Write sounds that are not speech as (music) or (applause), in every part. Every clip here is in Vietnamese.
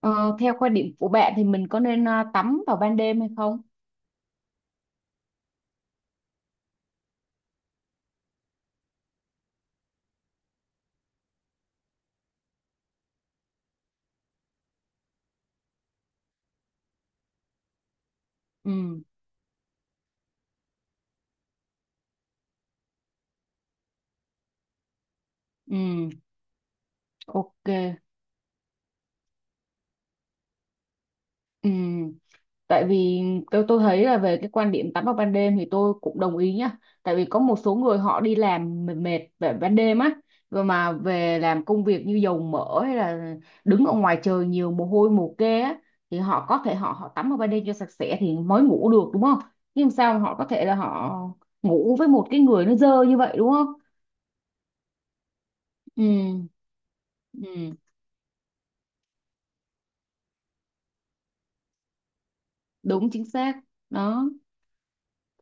Ờ, Theo quan điểm của bạn thì mình có nên tắm vào ban đêm hay không? Ừ, ừ, ok. Ừ, tại vì tôi thấy là về cái quan điểm tắm vào ban đêm thì tôi cũng đồng ý nhá. Tại vì có một số người họ đi làm mệt mệt về ban đêm á, rồi mà về làm công việc như dầu mỡ hay là đứng ở ngoài trời nhiều mồ hôi mồ kê á, thì họ có thể họ họ tắm vào ban đêm cho sạch sẽ thì mới ngủ được đúng không? Nhưng làm sao mà họ có thể là họ ngủ với một cái người nó dơ như vậy đúng không? Ừ. Ừ. Đúng chính xác đó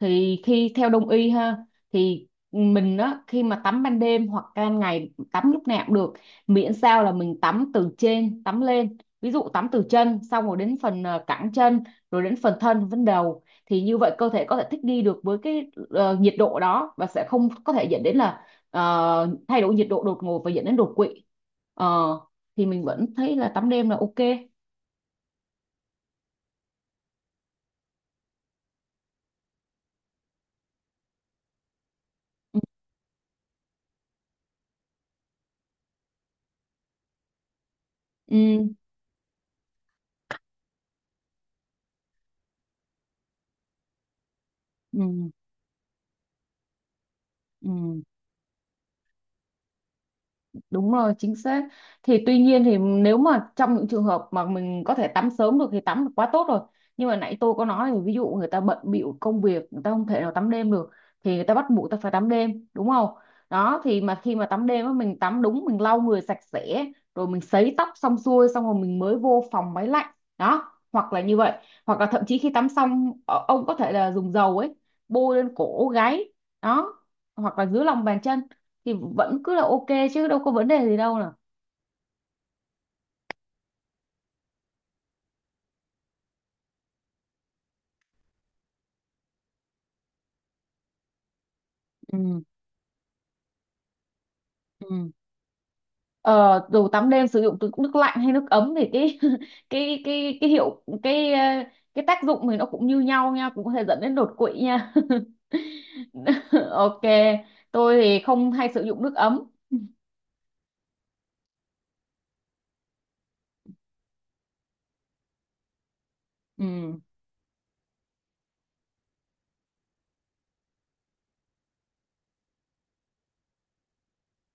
thì khi theo đông y ha, thì mình á khi mà tắm ban đêm hoặc ban ngày tắm lúc nào cũng được, miễn sao là mình tắm từ trên tắm lên, ví dụ tắm từ chân xong rồi đến phần cẳng chân, rồi đến phần thân phần đầu, thì như vậy cơ thể có thể thích nghi được với cái nhiệt độ đó và sẽ không có thể dẫn đến là thay đổi nhiệt độ đột ngột và dẫn đến đột quỵ. Ờ, thì mình vẫn thấy là tắm đêm là ok. Ừ, ừ, ừ, ừ. Đúng rồi, chính xác. Thì tuy nhiên thì nếu mà trong những trường hợp mà mình có thể tắm sớm được thì tắm là quá tốt rồi. Nhưng mà nãy tôi có nói là ví dụ người ta bận bịu công việc, người ta không thể nào tắm đêm được, thì người ta bắt buộc ta phải tắm đêm, đúng không? Đó thì mà khi mà tắm đêm á mình tắm đúng, mình lau người sạch sẽ, rồi mình sấy tóc xong xuôi xong rồi mình mới vô phòng máy lạnh. Đó, hoặc là như vậy, hoặc là thậm chí khi tắm xong ông có thể là dùng dầu ấy bôi lên cổ gáy đó, hoặc là dưới lòng bàn chân thì vẫn cứ là ok, chứ đâu có vấn đề gì đâu nào. Ừ, ừ, ờ, dù tắm đêm sử dụng từ nước lạnh hay nước ấm thì cái (laughs) cái hiệu cái cái tác dụng thì nó cũng như nhau nha, cũng có thể dẫn đến đột quỵ nha. (laughs) Ok, tôi thì không hay sử dụng nước ấm. Ừ.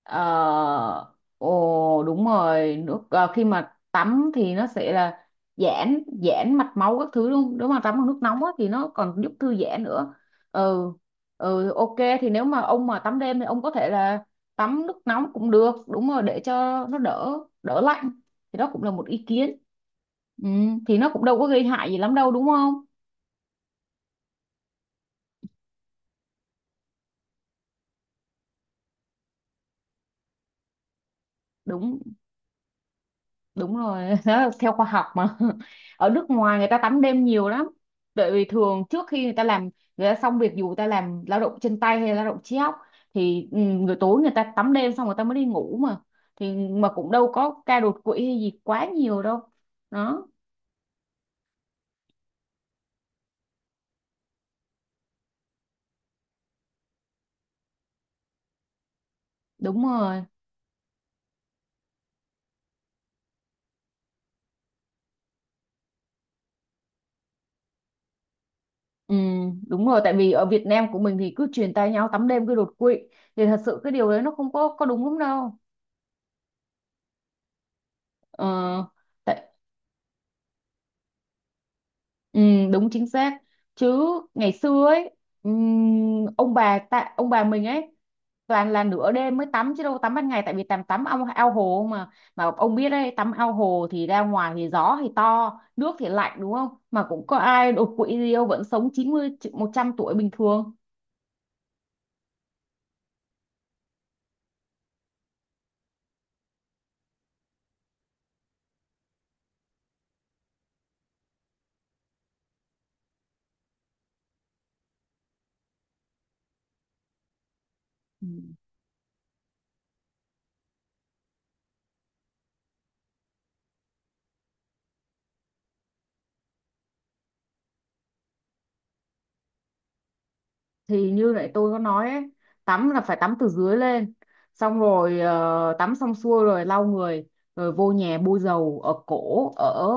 Ờ, Ồ đúng rồi nước khi mà tắm thì nó sẽ là giãn giãn mạch máu các thứ luôn, nếu mà tắm bằng nước nóng á, thì nó còn giúp thư giãn nữa. Ừ, ừ, ok. Thì nếu mà ông mà tắm đêm thì ông có thể là tắm nước nóng cũng được, đúng rồi, để cho nó đỡ đỡ lạnh, thì đó cũng là một ý kiến. Ừ, thì nó cũng đâu có gây hại gì lắm đâu đúng không. Đúng, đúng rồi. (laughs) Đó là theo khoa học mà. (laughs) Ở nước ngoài người ta tắm đêm nhiều lắm, bởi vì thường trước khi người ta làm, người ta xong việc dù người ta làm lao động chân tay hay là lao động trí óc, thì người tối người ta tắm đêm xong người ta mới đi ngủ mà, thì mà cũng đâu có ca đột quỵ hay gì quá nhiều đâu đó. Đúng rồi. ừ, Đúng rồi, tại vì ở Việt Nam của mình thì cứ truyền tay nhau tắm đêm cứ đột quỵ, thì thật sự cái điều đấy nó không có có đúng lắm đâu. ờ, Tại. Ừ, đúng chính xác, chứ ngày xưa ấy, ông bà ta, ông bà mình ấy toàn là nửa đêm mới tắm chứ đâu tắm ban ngày, tại vì tắm tắm ao, ao hồ mà ông biết đấy tắm ao hồ thì ra ngoài thì gió thì to nước thì lạnh đúng không, mà cũng có ai đột quỵ gì đâu, vẫn sống chín mươi một trăm tuổi bình thường. Ừ. Thì như lại tôi có nói ấy, tắm là phải tắm từ dưới lên, xong rồi tắm xong xuôi rồi lau người, rồi vô nhà bôi dầu ở cổ ở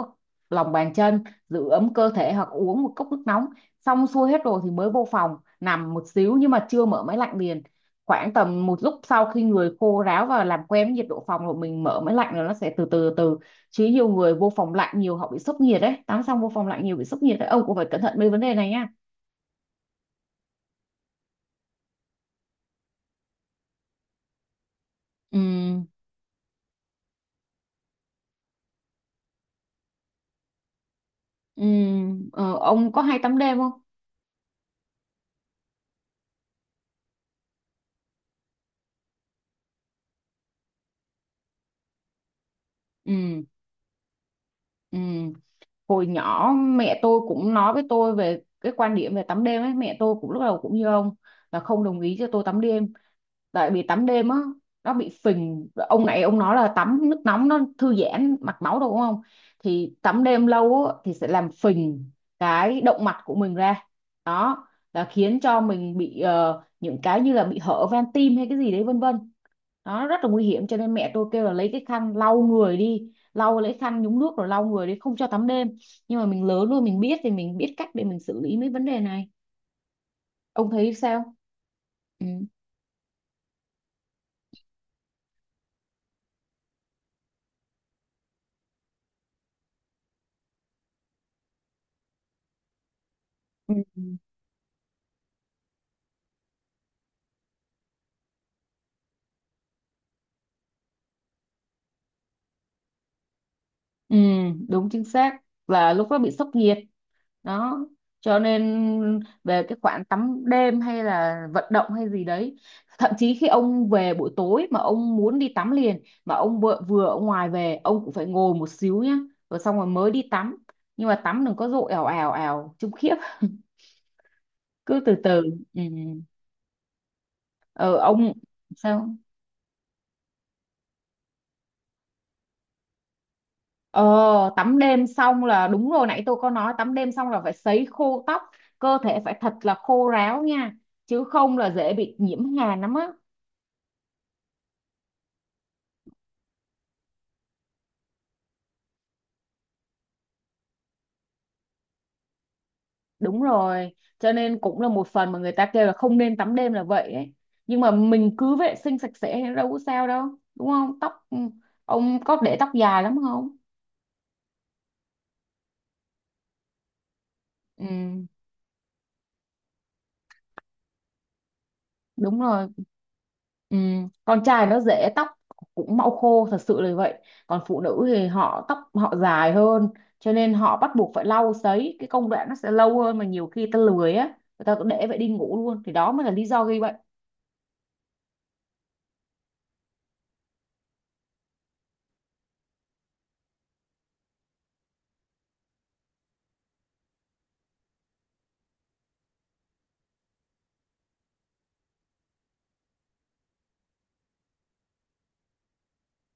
lòng bàn chân, giữ ấm cơ thể hoặc uống một cốc nước nóng, xong xuôi hết rồi thì mới vô phòng nằm một xíu, nhưng mà chưa mở máy lạnh liền, khoảng tầm một lúc sau khi người khô ráo và làm quen với nhiệt độ phòng rồi mình mở máy lạnh, rồi nó sẽ từ từ từ, chứ nhiều người vô phòng lạnh nhiều họ bị sốc nhiệt đấy, tắm xong vô phòng lạnh nhiều bị sốc nhiệt đấy, ông cũng phải cẩn thận mấy vấn đề này nha. Ừ, ừ, ông có hay tắm đêm không? Ừ, ừ. Hồi nhỏ mẹ tôi cũng nói với tôi về cái quan điểm về tắm đêm ấy, mẹ tôi cũng lúc đầu cũng như ông, là không đồng ý cho tôi tắm đêm. Tại vì tắm đêm á nó bị phình, ông này ông nói là tắm nước nóng nó thư giãn mạch máu đâu đúng không, thì tắm đêm lâu á, thì sẽ làm phình cái động mạch của mình ra đó, là khiến cho mình bị những cái như là bị hở van tim hay cái gì đấy vân vân, đó rất là nguy hiểm, cho nên mẹ tôi kêu là lấy cái khăn lau người đi, lau lấy khăn nhúng nước rồi lau người đi, không cho tắm đêm. Nhưng mà mình lớn rồi mình biết thì mình biết cách để mình xử lý mấy vấn đề này, ông thấy sao. Ừ. Ừ. Ừ, đúng chính xác là lúc đó bị sốc nhiệt đó, cho nên về cái khoản tắm đêm hay là vận động hay gì đấy, thậm chí khi ông về buổi tối mà ông muốn đi tắm liền mà ông vừa ở ngoài về, ông cũng phải ngồi một xíu nhá, rồi xong rồi mới đi tắm, nhưng mà tắm đừng có dội ào ào ào chung khiếp, cứ từ từ. Ừ. Ừ. ờ, ông sao. Ờ, Tắm đêm xong là đúng rồi, nãy tôi có nói tắm đêm xong là phải sấy khô tóc, cơ thể phải thật là khô ráo nha, chứ không là dễ bị nhiễm hàn lắm á. Đúng rồi, cho nên cũng là một phần mà người ta kêu là không nên tắm đêm là vậy ấy, nhưng mà mình cứ vệ sinh sạch sẽ thì đâu có sao đâu, đúng không tóc, ông có để tóc dài lắm không. Ừ, đúng rồi. Ừ, con trai nó dễ tóc cũng mau khô thật sự là vậy, còn phụ nữ thì họ tóc họ dài hơn, cho nên họ bắt buộc phải lau sấy, cái công đoạn nó sẽ lâu hơn, mà nhiều khi ta lười á, người ta cứ để vậy đi ngủ luôn, thì đó mới là lý do gây bệnh.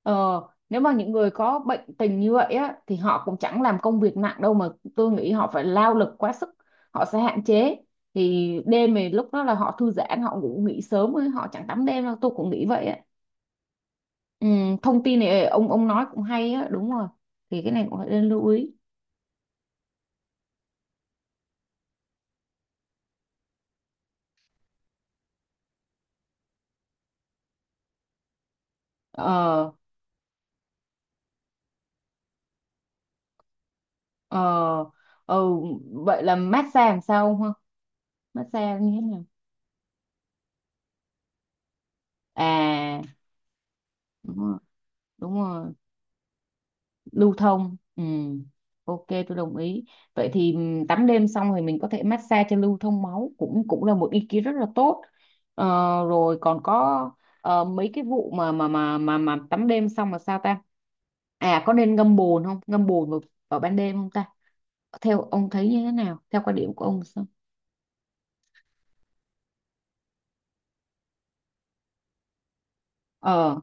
ờ Nếu mà những người có bệnh tình như vậy á thì họ cũng chẳng làm công việc nặng đâu mà, tôi nghĩ họ phải lao lực quá sức, họ sẽ hạn chế, thì đêm thì lúc đó là họ thư giãn họ ngủ nghỉ sớm ấy, họ chẳng tắm đêm đâu, tôi cũng nghĩ vậy á. Ừ, thông tin này ông nói cũng hay á, đúng rồi, thì cái này cũng phải nên lưu ý. ờ ờ ờ Vậy là massage làm sao không ha, massage như thế nào. À đúng rồi, đúng rồi, lưu thông ừ, ok tôi đồng ý. Vậy thì tắm đêm xong thì mình có thể massage cho lưu thông máu, cũng cũng là một ý kiến rất là tốt. ờ, Rồi còn có mấy cái vụ mà tắm đêm xong là sao ta, à có nên ngâm bồn không, ngâm bồn vào ban đêm không ta, theo ông thấy như thế nào, theo quan điểm của ông sao. Ờ,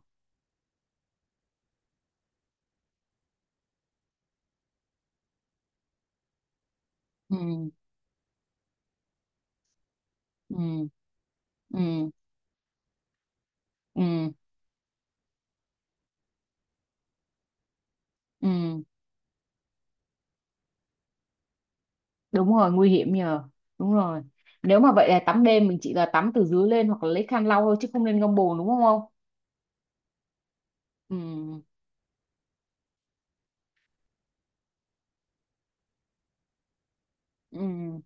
ừ, ừ, ừ, ừ, ừ, đúng rồi nguy hiểm nhờ, đúng rồi. Nếu mà vậy là tắm đêm mình chỉ là tắm từ dưới lên hoặc là lấy khăn lau thôi, chứ không nên ngâm bồn đúng không ông. Ừ, ừ,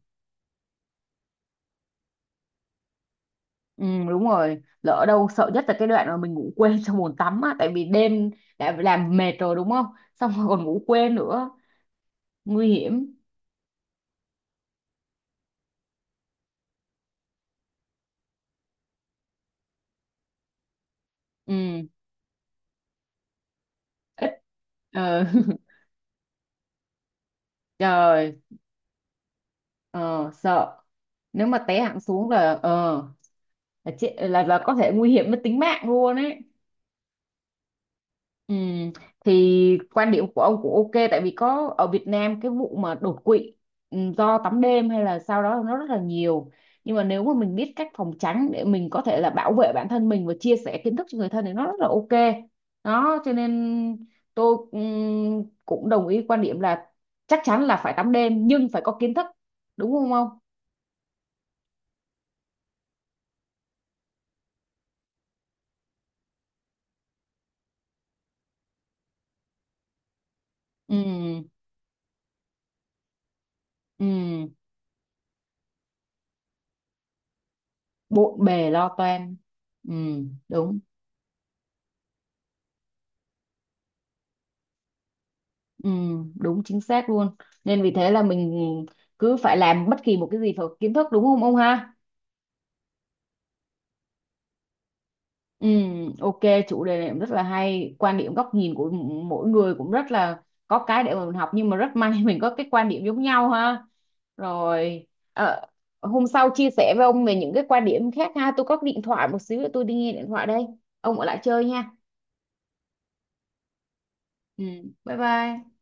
ừ, đúng rồi, lỡ đâu sợ nhất là cái đoạn mà mình ngủ quên trong bồn tắm á, tại vì đêm đã làm mệt rồi đúng không, xong rồi còn ngủ quên nữa, nguy hiểm. Ừ, ít, ờ. (laughs) Trời, ờ sợ, nếu mà té hẳn xuống là ờ, là, chết, là có thể nguy hiểm đến tính mạng luôn ấy. Ừ. Thì quan điểm của ông cũng ok, tại vì có ở Việt Nam cái vụ mà đột quỵ, do tắm đêm hay là sau đó nó rất là nhiều, nhưng mà nếu mà mình biết cách phòng tránh để mình có thể là bảo vệ bản thân mình và chia sẻ kiến thức cho người thân thì nó rất là ok, đó cho nên tôi cũng đồng ý quan điểm là chắc chắn là phải tắm đêm nhưng phải có kiến thức, đúng không ông. Ừ, ừ, bộn bề lo toan, ừ, đúng, ừ, đúng chính xác luôn, nên vì thế là mình cứ phải làm bất kỳ một cái gì phải có kiến thức, đúng không ông ha. Ừ, ok, chủ đề này cũng rất là hay, quan điểm góc nhìn của mỗi người cũng rất là có cái để mà mình học, nhưng mà rất may (laughs) mình có cái quan điểm giống nhau ha, rồi. ờ, Hôm sau chia sẻ với ông về những cái quan điểm khác ha, tôi có cái điện thoại một xíu nữa, tôi đi nghe điện thoại đây, ông ở lại chơi nha. Ừ, bye bye.